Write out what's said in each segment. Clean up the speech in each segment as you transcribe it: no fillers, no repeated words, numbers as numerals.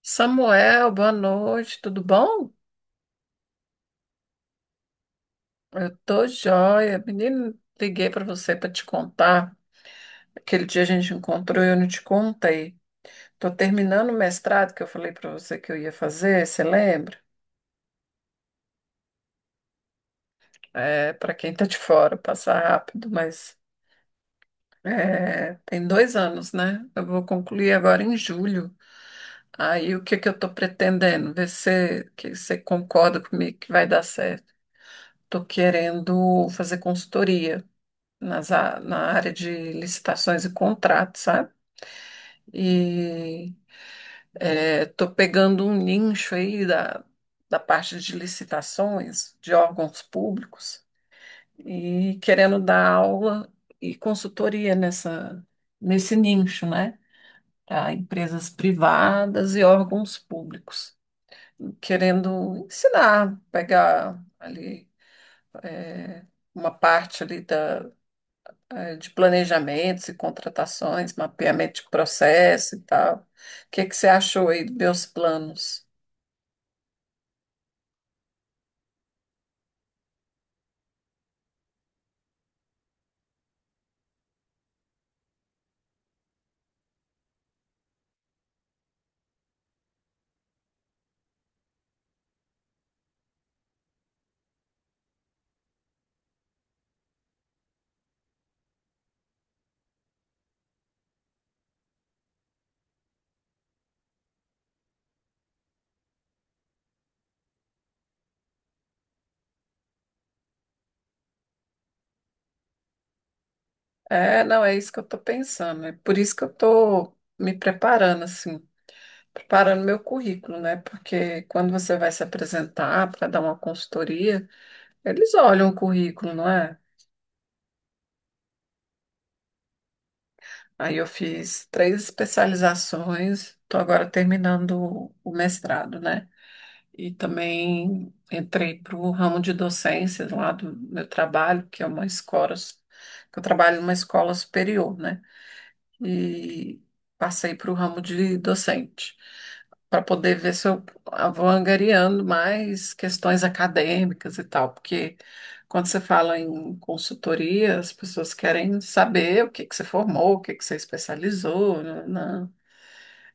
Samuel, boa noite, tudo bom? Eu tô joia. Menino, liguei para você para te contar. Aquele dia a gente encontrou e eu não te contei. Tô terminando o mestrado que eu falei para você que eu ia fazer, você lembra? É, para quem tá de fora, passa rápido, mas é, tem 2 anos, né? Eu vou concluir agora em julho. Aí o que que eu tô pretendendo? Ver se que você concorda comigo que vai dar certo. Tô querendo fazer consultoria na área de licitações e contratos, sabe? E estou pegando um nicho aí da parte de licitações de órgãos públicos e querendo dar aula e consultoria nesse nicho, né? Para empresas privadas e órgãos públicos. Querendo ensinar, pegar ali é, uma parte ali de planejamentos e contratações, mapeamento de processo e tal. O que que você achou aí dos meus planos? É, não, é isso que eu estou pensando. É por isso que eu estou me preparando, assim, preparando meu currículo, né? Porque quando você vai se apresentar para dar uma consultoria, eles olham o currículo, não é? Aí eu fiz 3 especializações, estou agora terminando o mestrado, né? E também entrei para o ramo de docência lá do meu trabalho, que é uma escola, que eu trabalho numa escola superior, né? E passei para o ramo de docente, para poder ver se eu vou angariando mais questões acadêmicas e tal, porque quando você fala em consultoria, as pessoas querem saber o que que você formou, o que que você especializou, né?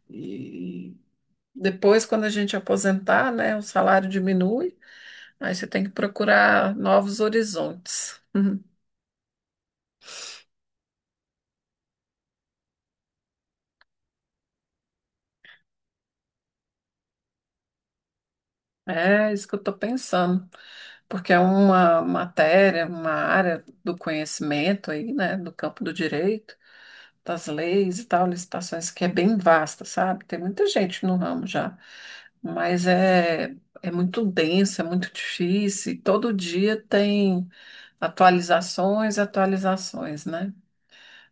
E depois, quando a gente aposentar, né, o salário diminui. Aí você tem que procurar novos horizontes. Uhum. É isso que eu estou pensando, porque é uma matéria, uma área do conhecimento aí, né, do campo do direito, das leis e tal, licitações, que é bem vasta, sabe? Tem muita gente no ramo já, mas é, é muito denso, é muito difícil, e todo dia tem atualizações, né?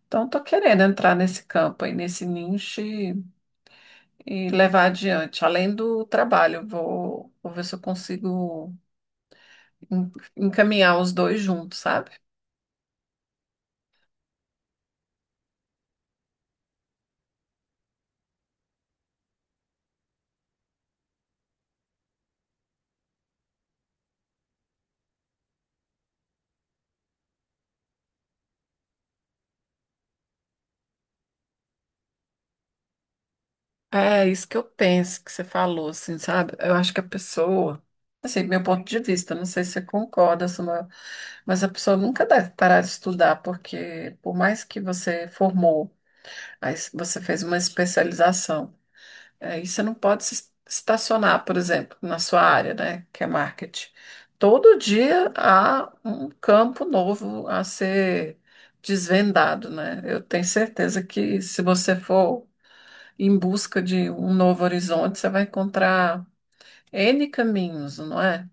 Então, estou querendo entrar nesse campo aí, nesse nicho, e levar adiante, além do trabalho. Vou ver se eu consigo en- encaminhar os dois juntos, sabe? É isso que eu penso que você falou, assim, sabe? Eu acho que a pessoa, assim, meu ponto de vista, não sei se você concorda, Samuel, mas a pessoa nunca deve parar de estudar, porque por mais que você formou, aí você fez uma especialização. Aí você não pode se estacionar, por exemplo, na sua área, né, que é marketing. Todo dia há um campo novo a ser desvendado, né? Eu tenho certeza que se você for em busca de um novo horizonte, você vai encontrar N caminhos, não é?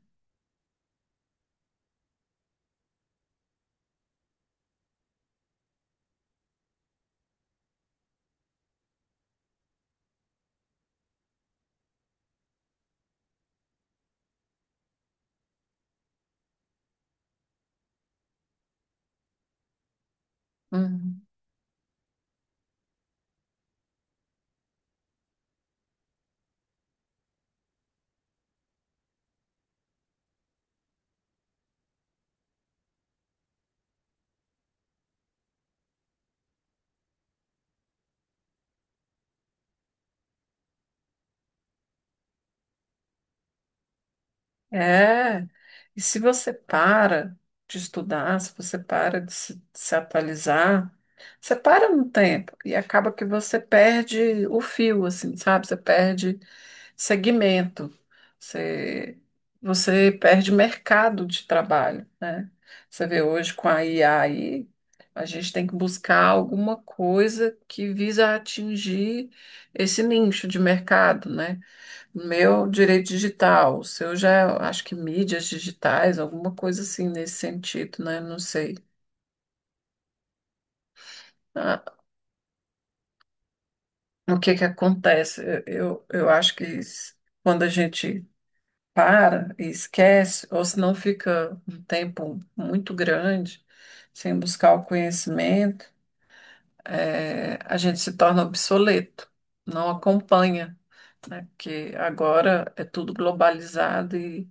É, e se você para de estudar, se você para de se atualizar, você para no tempo e acaba que você perde o fio, assim, sabe? Você perde segmento, você, você perde mercado de trabalho, né? Você vê hoje com a IA aí, a gente tem que buscar alguma coisa que visa atingir esse nicho de mercado, né? Meu direito digital, o seu já, é, acho que mídias digitais, alguma coisa assim nesse sentido, né? Não sei. Ah, o que que acontece? Eu acho que quando a gente para e esquece, ou se não fica um tempo muito grande sem buscar o conhecimento, a gente se torna obsoleto, não acompanha, né? Porque agora é tudo globalizado. E,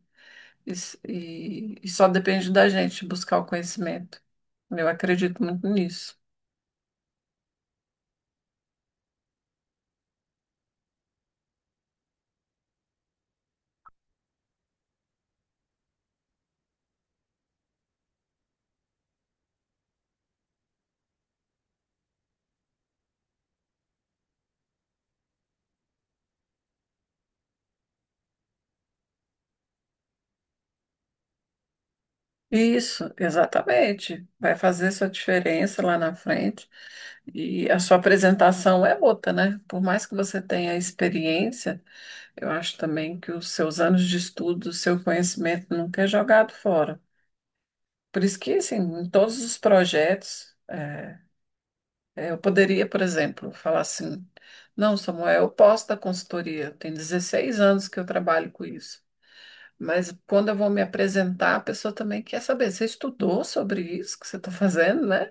s- e- e só depende da gente buscar o conhecimento. Eu acredito muito nisso. Isso, exatamente. Vai fazer sua diferença lá na frente. E a sua apresentação é outra, né? Por mais que você tenha experiência, eu acho também que os seus anos de estudo, o seu conhecimento nunca é jogado fora. Por isso que, assim, em todos os projetos, Eu poderia, por exemplo, falar assim: não, Samuel, eu posso dar consultoria, tem 16 anos que eu trabalho com isso. Mas quando eu vou me apresentar, a pessoa também quer saber. Você estudou sobre isso que você está fazendo, né?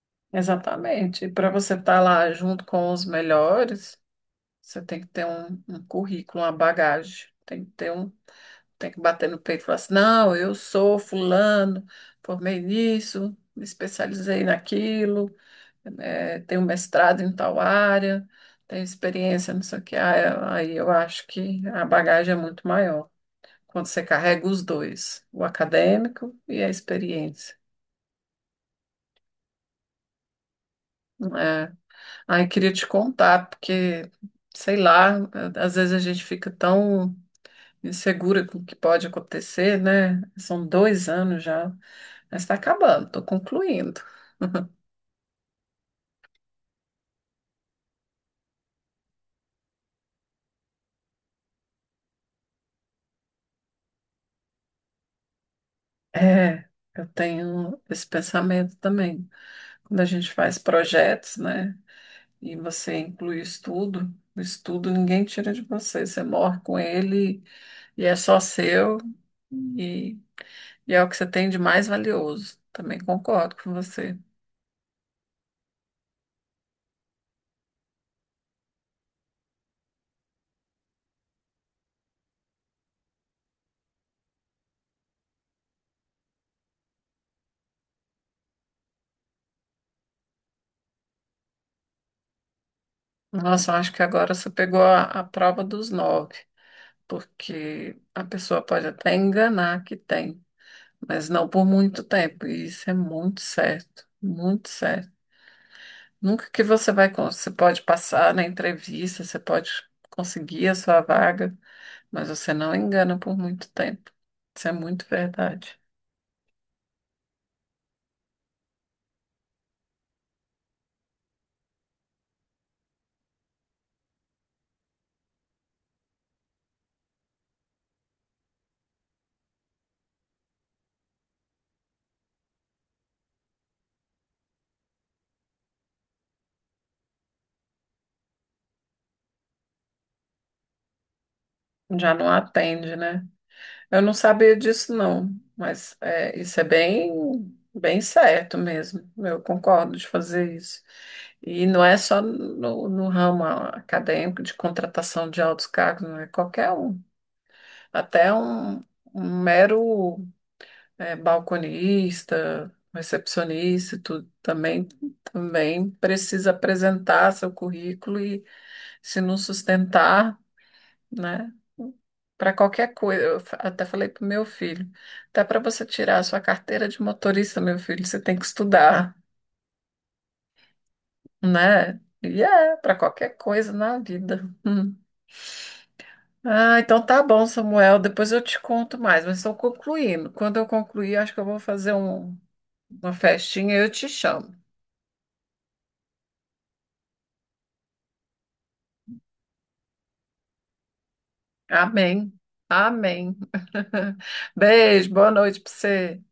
Exatamente. E para você estar lá junto com os melhores, você tem que ter um currículo, uma bagagem. Tem que ter um, tem que bater no peito e falar assim: não, eu sou fulano, formei nisso, me especializei naquilo. É, tem um mestrado em tal área, tem experiência, não sei o que. Ah, aí eu acho que a bagagem é muito maior quando você carrega os dois, o acadêmico e a experiência. É. Aí queria te contar, porque, sei lá, às vezes a gente fica tão insegura com o que pode acontecer, né? São 2 anos já, mas está acabando, estou concluindo. É, eu tenho esse pensamento também. Quando a gente faz projetos, né? E você inclui o estudo ninguém tira de você. Você morre com ele e é só seu e, e é o que você tem de mais valioso. Também concordo com você. Nossa, eu acho que agora você pegou a prova dos nove, porque a pessoa pode até enganar que tem, mas não por muito tempo. E isso é muito certo, muito certo. Nunca que você vai, você pode passar na entrevista, você pode conseguir a sua vaga, mas você não engana por muito tempo. Isso é muito verdade. Já não atende, né? Eu não sabia disso, não, mas é, isso é bem, bem certo mesmo. Eu concordo de fazer isso. E não é só no ramo acadêmico de contratação de altos cargos, não é qualquer um. Até um, um mero balconista, recepcionista, e tudo também, também precisa apresentar seu currículo e se não sustentar, né? Para qualquer coisa, eu até falei para o meu filho, até para você tirar a sua carteira de motorista, meu filho, você tem que estudar, né? E é, para qualquer coisa na vida. Hum. Ah, então tá bom, Samuel, depois eu te conto mais, mas estou concluindo. Quando eu concluir, acho que eu vou fazer uma festinha e eu te chamo. Amém. Amém. Beijo, boa noite para você.